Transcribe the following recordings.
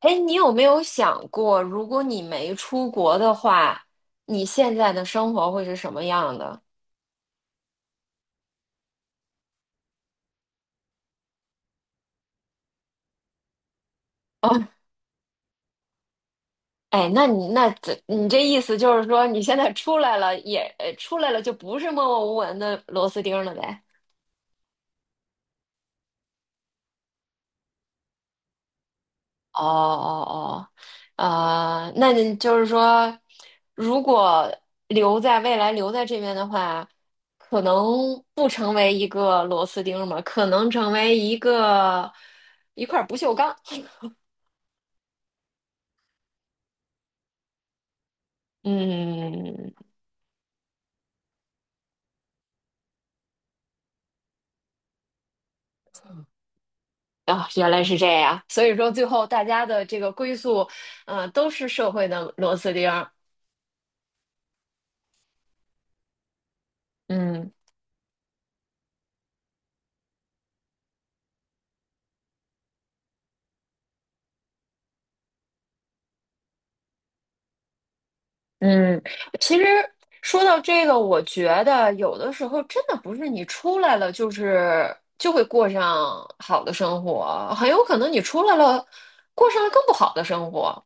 哎，你有没有想过，如果你没出国的话，你现在的生活会是什么样的？哦。哎，那你那这你这意思就是说，你现在出来了就不是默默无闻的螺丝钉了呗？哦哦哦。那你就是说，如果留在未来留在这边的话，可能不成为一个螺丝钉嘛，可能成为一块不锈钢。嗯。啊，原来是这样，所以说最后大家的这个归宿，都是社会的螺丝钉儿。嗯嗯。其实说到这个，我觉得有的时候真的不是你出来了，就是就会过上好的生活，很有可能你出来了，过上了更不好的生活。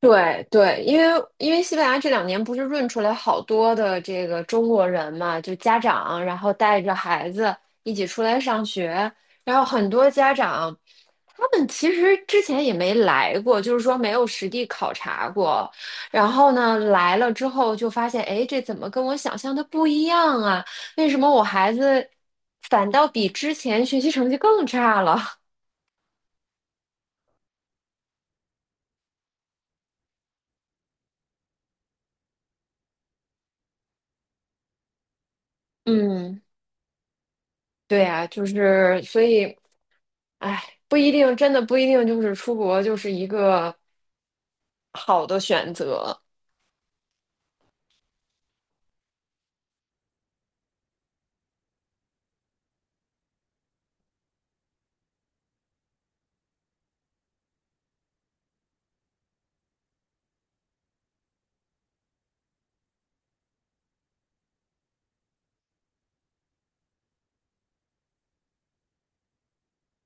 对对，因为西班牙这两年不是润出来好多的这个中国人嘛，就家长，然后带着孩子一起出来上学，然后很多家长，他们其实之前也没来过，就是说没有实地考察过，然后呢来了之后就发现，哎，这怎么跟我想象的不一样啊？为什么我孩子反倒比之前学习成绩更差了？嗯。对呀，就是所以。哎，不一定，真的不一定，就是出国就是一个好的选择。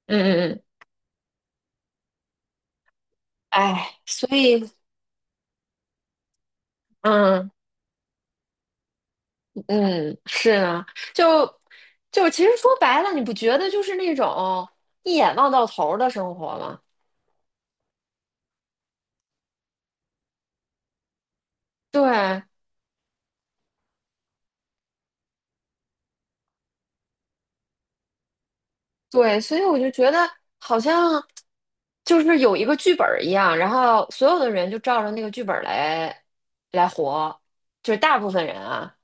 嗯嗯嗯。哎，所以。嗯嗯，是啊。就就其实说白了，你不觉得就是那种一眼望到头儿的生活吗？对对，所以我就觉得好像就是有一个剧本儿一样，然后所有的人就照着那个剧本儿来活，就是大部分人啊。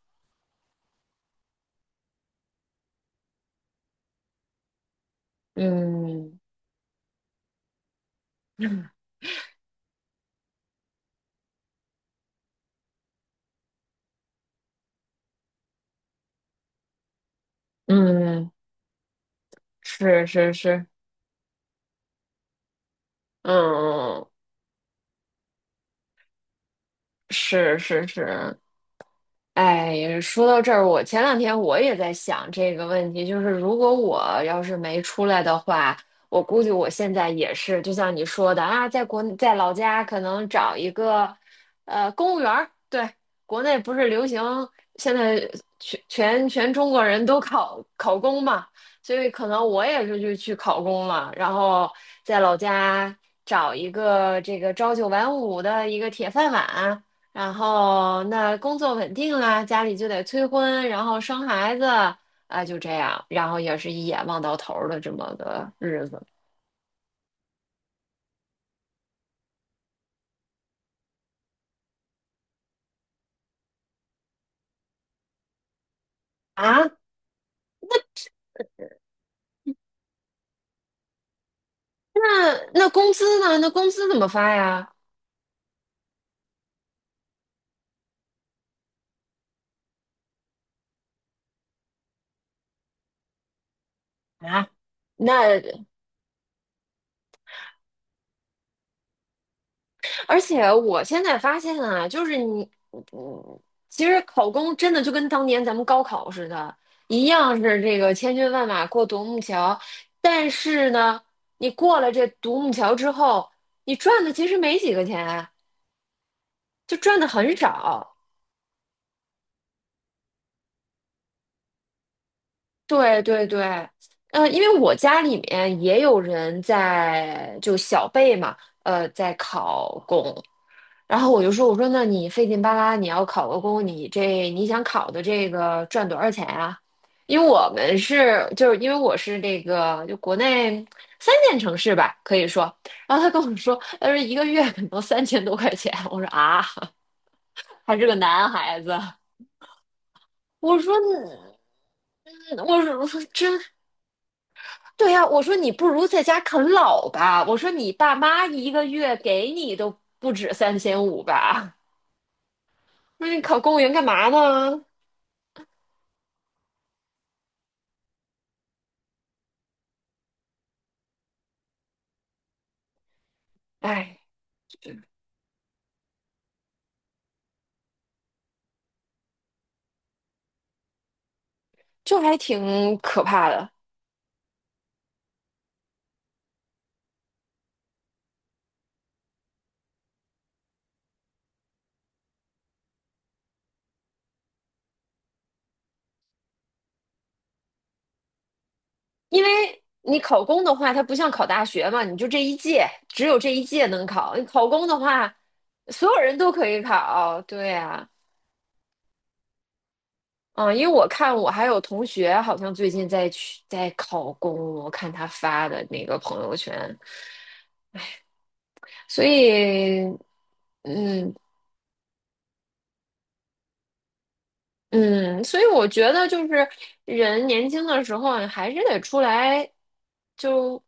嗯嗯，是是是。嗯，嗯嗯。是是是。哎，说到这儿，我前两天我也在想这个问题，就是如果我要是没出来的话，我估计我现在也是，就像你说的啊，在老家可能找一个公务员儿。对，国内不是流行现在全中国人都考公嘛，所以可能我也是就去考公了，然后在老家找一个这个朝九晚五的一个铁饭碗。然后那工作稳定了，家里就得催婚，然后生孩子，啊、就这样，然后也是一眼望到头儿的这么个日子啊。那那工资呢？那工资怎么发呀？啊。那而且我现在发现啊，就是你，嗯其实考公真的就跟当年咱们高考似的，一样是这个千军万马过独木桥，但是呢，你过了这独木桥之后，你赚的其实没几个钱。就赚的很少。对对对。因为我家里面也有人在就小辈嘛，在考公，然后我就说，我说那你费劲巴拉，你要考个公，你想考的这个赚多少钱啊？因为我们是就是因为我是这个就国内三线城市吧，可以说，然后他跟我说，他说一个月可能3000多块钱，我说啊，还是个男孩子。我说，嗯，我说真对呀、我说你不如在家啃老吧。我说你爸妈一个月给你都不止3500吧？那你考公务员干嘛呢？哎，就还挺可怕的，因为你考公的话，它不像考大学嘛，你就这一届，只有这一届能考。你考公的话，所有人都可以考。对呀、嗯，因为我看我还有同学好像最近在考公，我看他发的那个朋友圈，所以。嗯嗯。所以我觉得就是人年轻的时候，你还是得出来就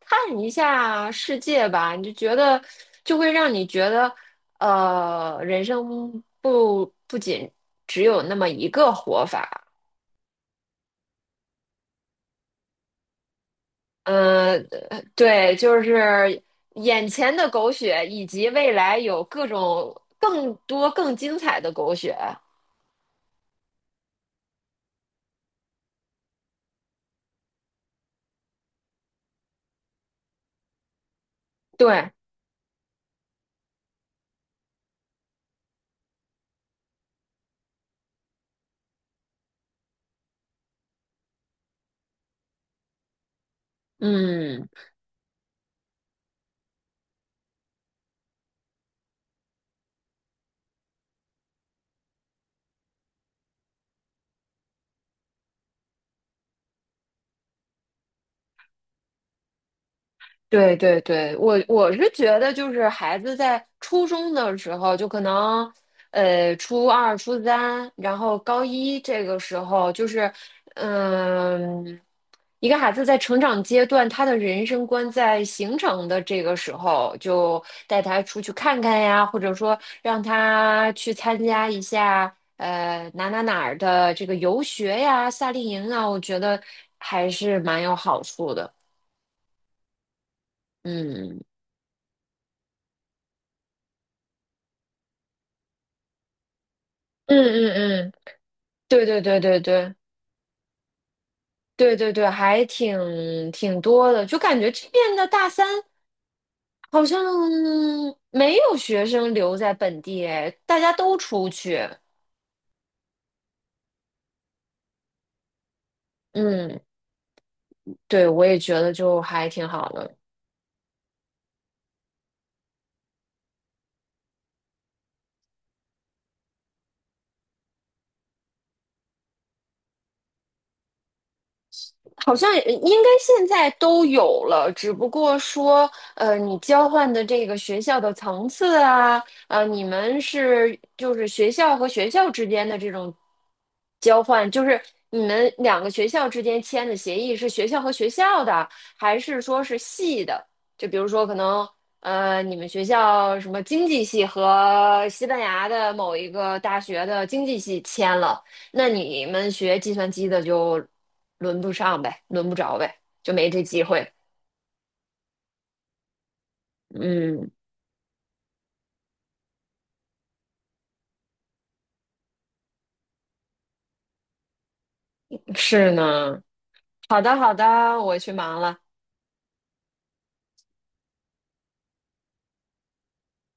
看一下世界吧，你就觉得就会让你觉得，人生不仅只有那么一个活法。嗯，对，就是眼前的狗血，以及未来有各种更多更精彩的狗血。对，嗯。对对对，我是觉得就是孩子在初中的时候，就可能初二、初三，然后高一这个时候，就是嗯，一个孩子在成长阶段，他的人生观在形成的这个时候，就带他出去看看呀，或者说让他去参加一下哪儿的这个游学呀、夏令营啊，我觉得还是蛮有好处的。嗯。嗯嗯嗯，对对对对对对对对，还挺多的，就感觉这边的大三好像没有学生留在本地，哎，大家都出去。嗯，对，我也觉得就还挺好的。好像应该现在都有了，只不过说，你交换的这个学校的层次啊，你们是就是学校和学校之间的这种交换，就是你们两个学校之间签的协议是学校和学校的，还是说是系的？就比如说可能，你们学校什么经济系和西班牙的某一个大学的经济系签了。那你们学计算机的就轮不上呗，轮不着呗，就没这机会。嗯，是呢。好的，好的，我去忙了。